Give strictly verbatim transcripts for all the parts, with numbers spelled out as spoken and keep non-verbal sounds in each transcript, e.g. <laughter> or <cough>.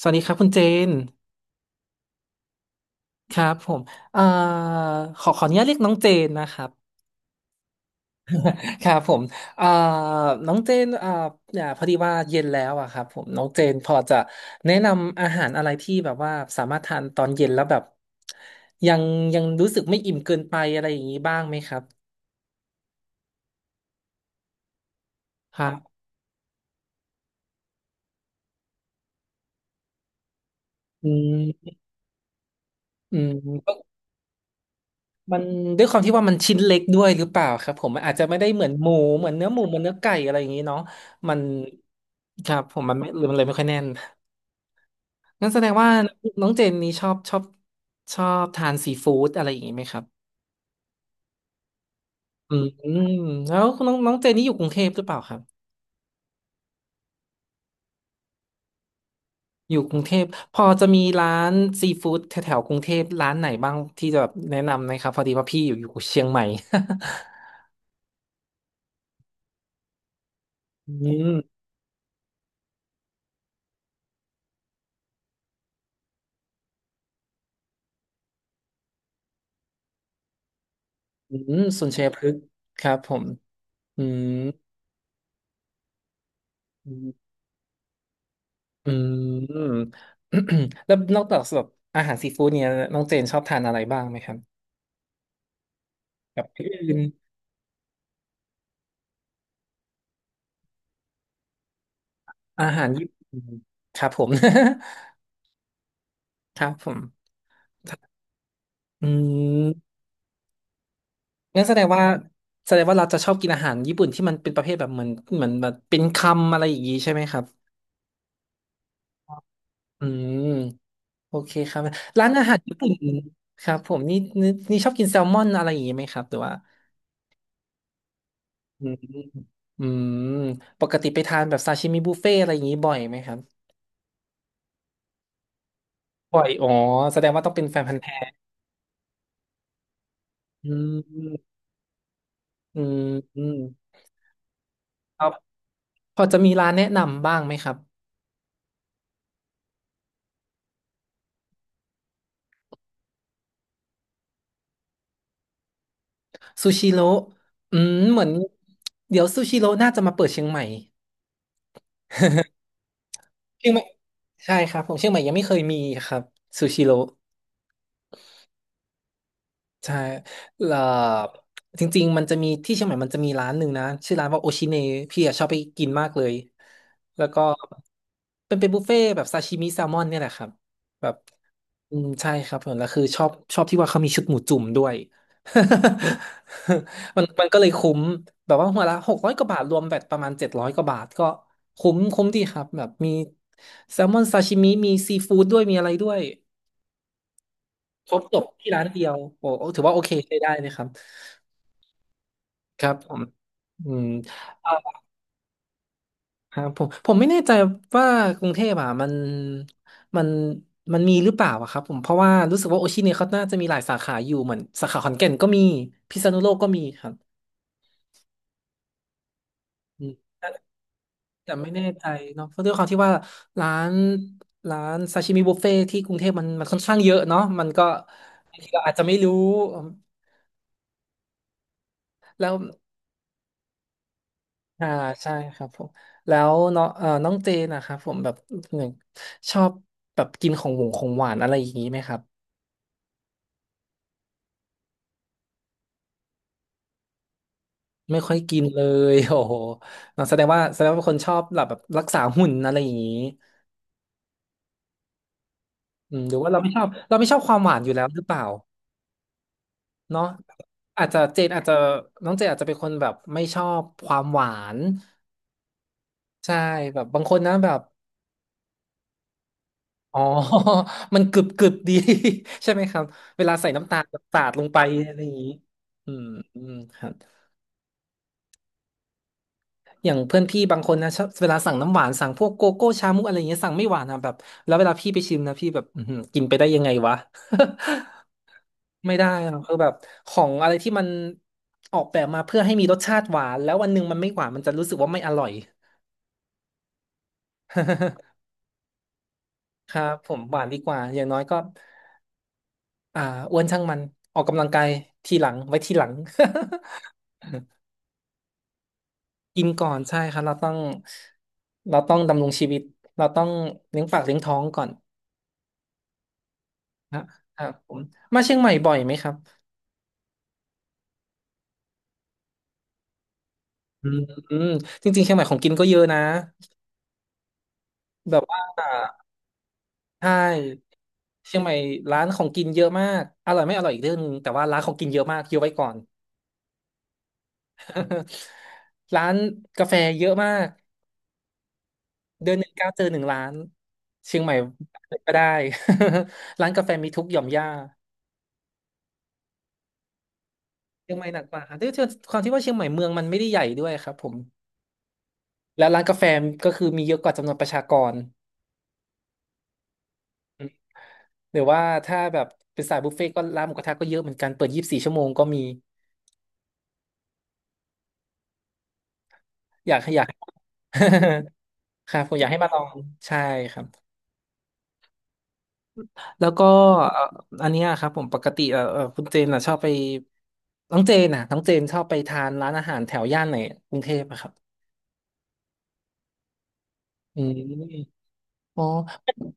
สวัสดีครับคุณเจนครับผมเอ่อขอขออนุญาตเรียกน้องเจนนะครับ <laughs> ครับผมเอ่อน้องเจนเอ่อเนี่ยพอดีว่าเย็นแล้วอะครับผมน้องเจนพอจะแนะนำอาหารอะไรที่แบบว่าสามารถทานตอนเย็นแล้วแบบยังยังรู้สึกไม่อิ่มเกินไปอะไรอย่างนี้บ้างไหมครับครับอืมอืมก็มันด้วยความที่ว่ามันชิ้นเล็กด้วยหรือเปล่าครับผมมันอาจจะไม่ได้เหมือนหมูเหมือนเนื้อหมูเหมือนเนื้อไก่อะไรอย่างนี้เนาะมันครับผมมันไม่หรือมันเลยไม่ค่อยแน่น งั้นแสดงว่าน้องเจนนี่ชอบชอบชอบทานซีฟู้ดอะไรอย่างนี้ไหมครับอืมแล้วน้องน้องเจนนี่อยู่กรุงเทพหรือเปล่าครับอยู่กรุงเทพพอจะมีร้านซีฟู้ดแถวๆกรุงเทพร้านไหนบ้างที่จะแบบแนะนำไหมครับพอดีว่าพี่อยู่อยู่เชียงใหม่ <laughs> อืมอืมสุนทรียพฤกษ์ครับผมอืมอืมอืม <coughs> แล้วนอกจากแบบอาหารซีฟู้ดเนี่ยน้องเจนชอบทานอะไรบ้างไหมครับแบบอื่นอาหารญี่ปุ่นครับผม <laughs> ครับผมอืมงั้นแสดงว่าแสดงว่าเราจะชอบกินอาหารญี่ปุ่นที่มันเป็นประเภทแบบเหมือนเหมือนแบบเป็นคำอะไรอย่างนี้ใช่ไหมครับอืมโอเคครับร้านอาหารญี่ปุ่น ครับผมนี่นี่นี่ชอบกินแซลมอนอะไรอย่างนี้ไหมครับหรือว่าอืมอืมปกติไปทานแบบซาชิมิบุฟเฟ่อะไรอย่างนี้บ่อยไหมครับบ่อยอ๋อแสดงว่าต้องเป็นแฟนพันธุ์แท้อืมอืมอืมครับพอจะมีร้านแนะนำบ้างไหมครับ ซูชิโร่อืมเหมือนเดี๋ยวซูชิโร่น่าจะมาเปิดเชียงใหม่ <laughs> เชียงใหม่ใช่ครับผมเชียงใหม่ยังไม่เคยมีครับซูชิโร่ ใช่เอ่อจริงๆมันจะมีที่เชียงใหม่มันจะมีร้านหนึ่งนะชื่อร้านว่าโอชิเนพี่อะชอบไปกินมากเลยแล้วก็เป็นเป็นบุฟเฟ่ต์แบบซาชิมิแซลมอนเนี่ยแหละครับแบบอืมใช่ครับผมแล้วคือชอบชอบที่ว่าเขามีชุดหมูจุ่มด้วย <laughs> มันมันก็เลยคุ้มแบบว่าหัวละหกร้อยกว่าบาทรวมแบบประมาณเจ็ดร้อยกว่าบาทก็คุ้มคุ้มดีครับแบบมีแซลมอนซาชิมิมีซีฟู้ดด้วยมีอะไรด้วยครบจบที่ร้านเดียวโอ้โอ้ถือว่าโอเคใช้ได้เลยครับ ครับผมอืม่ครับผมผมไม่แน่ใจว่ากรุงเทพอ่ะมันมันมันมีหรือเปล่าอะครับผมเพราะว่ารู้สึกว่าโอชิเนี่ยเขาน่าจะมีหลายสาขาอยู่เหมือนสาขาขอนแก่นก็มีพิษณุโลกก็มีครับอืมแต่ไม่แน่ใจเนาะเพราะด้วยความที่ว่าร้านร้านซาชิมิบุฟเฟ่ที่กรุงเทพมันมันค่อนข้างเยอะเนาะมันก็บางทีเราอาจจะไม่รู้แล้ว อ่าใช่ครับผมแล้วเนาะเอ่อน้องเจนนะครับผมแบบหนึ่งชอบแบบกินของหวงของหวานอะไรอย่างนี้ไหมครับไม่ค่อยกินเลย <laughs> โอ้โหแสดงว่าแสดงว่าเป็นคนชอบแบบแบบรักษาหุ่นอะไรอย่างนี้อืมหรือว่าเราไม่ชอบเราไม่ชอบความหวานอยู่แล้วหรือเปล่าเนาะอาจจะเจนอาจจะน้องเจนอาจจะเป็นคนแบบไม่ชอบความหวานใช่แบบบางคนนะแบบ อ๋อ <laughs> มันกรึบกรึบดี <laughs> ใช่ไหมครับเวลาใส่น้ำตาลแบบสาดลงไปอะไรอย่างนี้อืมอืมครับอย่างเพื่อนพี่บางคนนะชอบเวลาสั่งน้ำหวานสั่งพวกโกโก้ชามุกอะไรอย่างเงี้ยสั่งไม่หวานนะแบบแล้วเวลาพี่ไปชิมนะพี่แบบอื้อหือกินไปได้ยังไงวะ <laughs> ไม่ได้อะคือแบบของอะไรที่มันออกแบบมาเพื่อให้มีรสชาติหวานแล้ววันหนึ่งมันไม่หวานมันจะรู้สึกว่าไม่อร่อย <laughs> ครับผมหวานดีกว่าอย่างน้อยก็ อ่าอ้วนช่างมันออกกำลังกายทีหลังไว้ทีหลัง <laughs> กินก่อนใช่ครับเราต้องเราต้องดำรงชีวิตเราต้องเลี้ยงปากเลี้ยงท้องก่อนนะครับผมมาเชียงใหม่บ่อยไหมครับอืมอืมจริงๆเชียงใหม่ของกินก็เยอะนะแบบว่าใช่เชียงใหม่ร้านของกินเยอะมากอร่อยไม่อร่อยอีกเรื่องนึงแต่ว่าร้านของกินเยอะมากเยอะไว้ก่อน <laughs> ร้านกาแฟเยอะมาก เดือนหนึ่งก้าวเจอหนึ่งร้านเชียงใหม่ก็ได้ <laughs> ร้านกาแฟมีทุกหย่อมย่าเชียงใหม่หนักกว่าครับด้วยความที่ว่าเชียงใหม่เมืองมันไม่ได้ใหญ่ด้วยครับผมแล้วร้านกาแฟก็คือมีเยอะกว่าจำนวนประชากรหรือว่าถ้าแบบเป็นสายบุฟเฟ่ต์ก็ร้านหมูกระทะก็เยอะเหมือนกันเปิดยี่สิบสี่ชั่วโมงก็มีอยากให้อยาก <laughs> ครับผมอยากให้มาลองใช่ครับแล้วก็เอ่ออันเนี้ยครับผมปกติเอ่อเอ่อคุณเจนอ่ะชอบไปน้องเจนน่ะน้องเจนชอบไปทานร้านอาหารแถวย่านไหนกรุงเทพอะครับอืม อ๋อ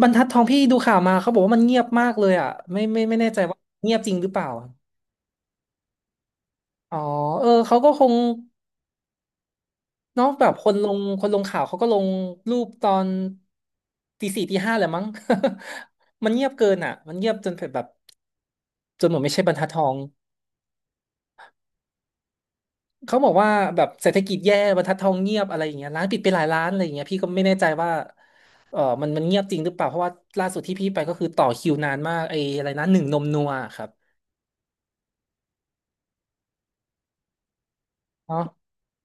บรรทัดทองพี่ดูข่าวมาเขาบอกว่ามันเงียบมากเลยอ่ะไม่ไม่ไม่แน่ใจว่าเงียบจริงหรือเปล่าอะอ๋อเออเขาก็คงเนาะแบบคนลงคนลงข่าวเขาก็ลงรูปตอนตีสี่ตีห้าแหละมั้ง <laughs> มันเงียบเกินอ่ะมันเงียบจนแบบจนเหมือนไม่ใช่บรรทัดทองเขาบอกว่าแบบเศรษฐกิจแย่บรรทัดทองเงียบอะไรอย่างเงี้ยร้านปิดไปหลายร้านอะไรอย่างเงี้ยพี่ก็ไม่แน่ใจว่าเออมันมันเงียบจริงหรือเปล่าเพราะว่าล่าสุดที่พี่ไปก็คือต่อคิวนานมากไอ้อะไรนะหนึ่งนมนัวครับเนาะ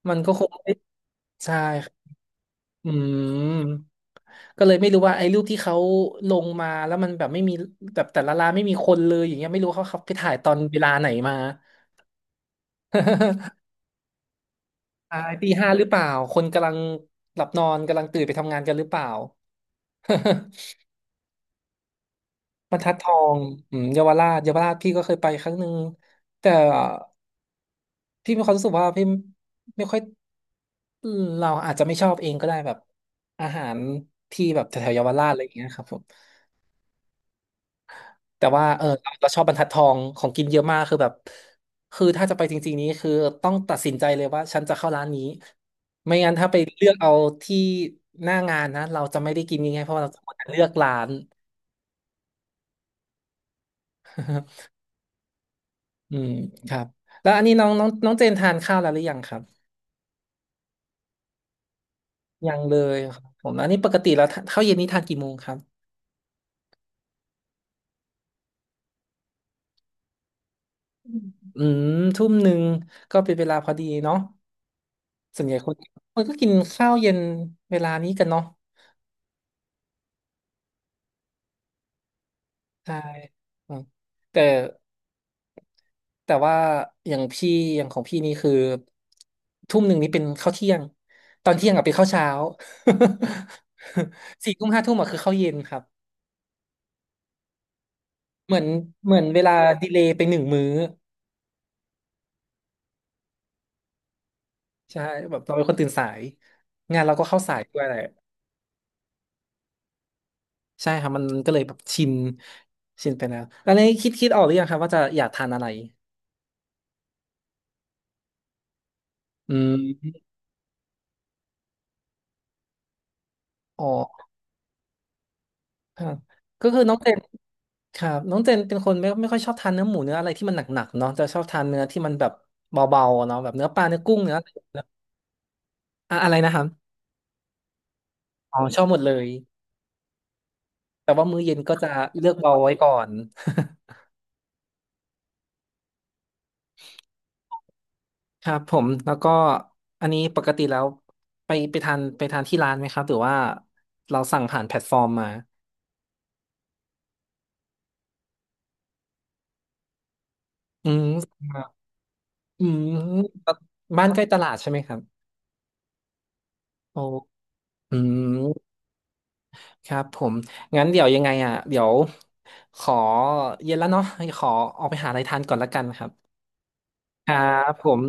มันก็คง ใช่ครับอืมก็เลยไม่รู้ว่าไอ้รูปที่เขาลงมาแล้วมันแบบไม่มีแบบแต่ละร้านไม่มีคนเลยอย่างเงี้ยไม่รู้เขาเขาไปถ่ายตอนเวลาไหนมา <laughs> ปตีห้าหรือเปล่าคนกำลังหลับนอนกำลังตื่นไปทำงานกันหรือเปล่า <laughs> บรรทัดทองอืมเยาวราชเยาวราชพี่ก็เคยไปครั้งหนึ่งแต่พี่มีความรู้สึกว่าพี่ไม่ค่อยเราอาจจะไม่ชอบเองก็ได้แบบอาหารที่แบบแถวๆเยาวราชอะไรอย่างเงี้ยครับผม แต่ว่าเออเราเราชอบบรรทัดทองของกินเยอะมากคือแบบคือถ้าจะไปจริงๆนี้คือต้องตัดสินใจเลยว่าฉันจะเข้าร้านนี้ไม่งั้นถ้าไปเลือกเอาที่หน้างานนะเราจะไม่ได้กินง่ายๆเพราะว่าเราจะหมดเลือกร้าน <laughs> อืมครับแล้วอันนี้น้องน้องน้องเจนทานข้าวแล้วหรือยังครับยังเลยครับผมแล้วนี่ปกติแล้วทานข้าวเย็นนี่ทานกี่โมงครับอืมทุ่มหนึ่งก็เป็นเวลาพอดีเนาะส่วนใหญ่คนคนก็กินข้าวเย็นเวลานี้กันเนาะใช่อืมแต่ แต่ว่าอย่างพี่อย่างของพี่นี่คือทุ่มหนึ่งนี่เป็นข้าวเที่ยงตอนเที่ยงอะเป็นข้าวเช้า <laughs> สี่ทุ่มห้าทุ่มอะคือข้าวเย็นครับเหมือนเหมือนเวลาดีเลย์ไปหนึ่งมื้อใช่แบบเราเป็นคนตื่นสายงานเราก็เข้าสายด้วยแหละใช่ครับมันก็เลยแบบชินชินไปแล้วแล้วนี้คิดคิดออกหรือยังครับว่าจะอยากทานอะไรอืมอ๋อครับก็คือน้องเจน ครับน้องเจนเป็นคนไม่ไม่ค่อยชอบทานเนื้อหมูเนื้ออะไรที่มันหนักๆเนาะจะชอบทานเนื้อที่มันแบบเบาๆเนาะแบบเนื้อปลาเนื้อกุ้งเนื้ออะไรอย่างเงี้ยอะอะไรนะครับอ๋อชอบหมดเลยแต่ว่ามื้อเย็นก็จะเลือกเบาไว้ก่อน <laughs> ครับผมแล้วก็อันนี้ปกติแล้วไปไปทานไปทานที่ร้านไหมครับหรือว่าเราสั่งผ่านแพลตฟอร์มมาอืมอืมบ้านใกล้ตลาดใช่ไหมครับโอ้อืม ครับผมงั้นเดี๋ยวยังไงอ่ะเดี๋ยวขอเย็นแล้วเนาะขอออกไปหาอะไรทานก่อนละกันครับครับผม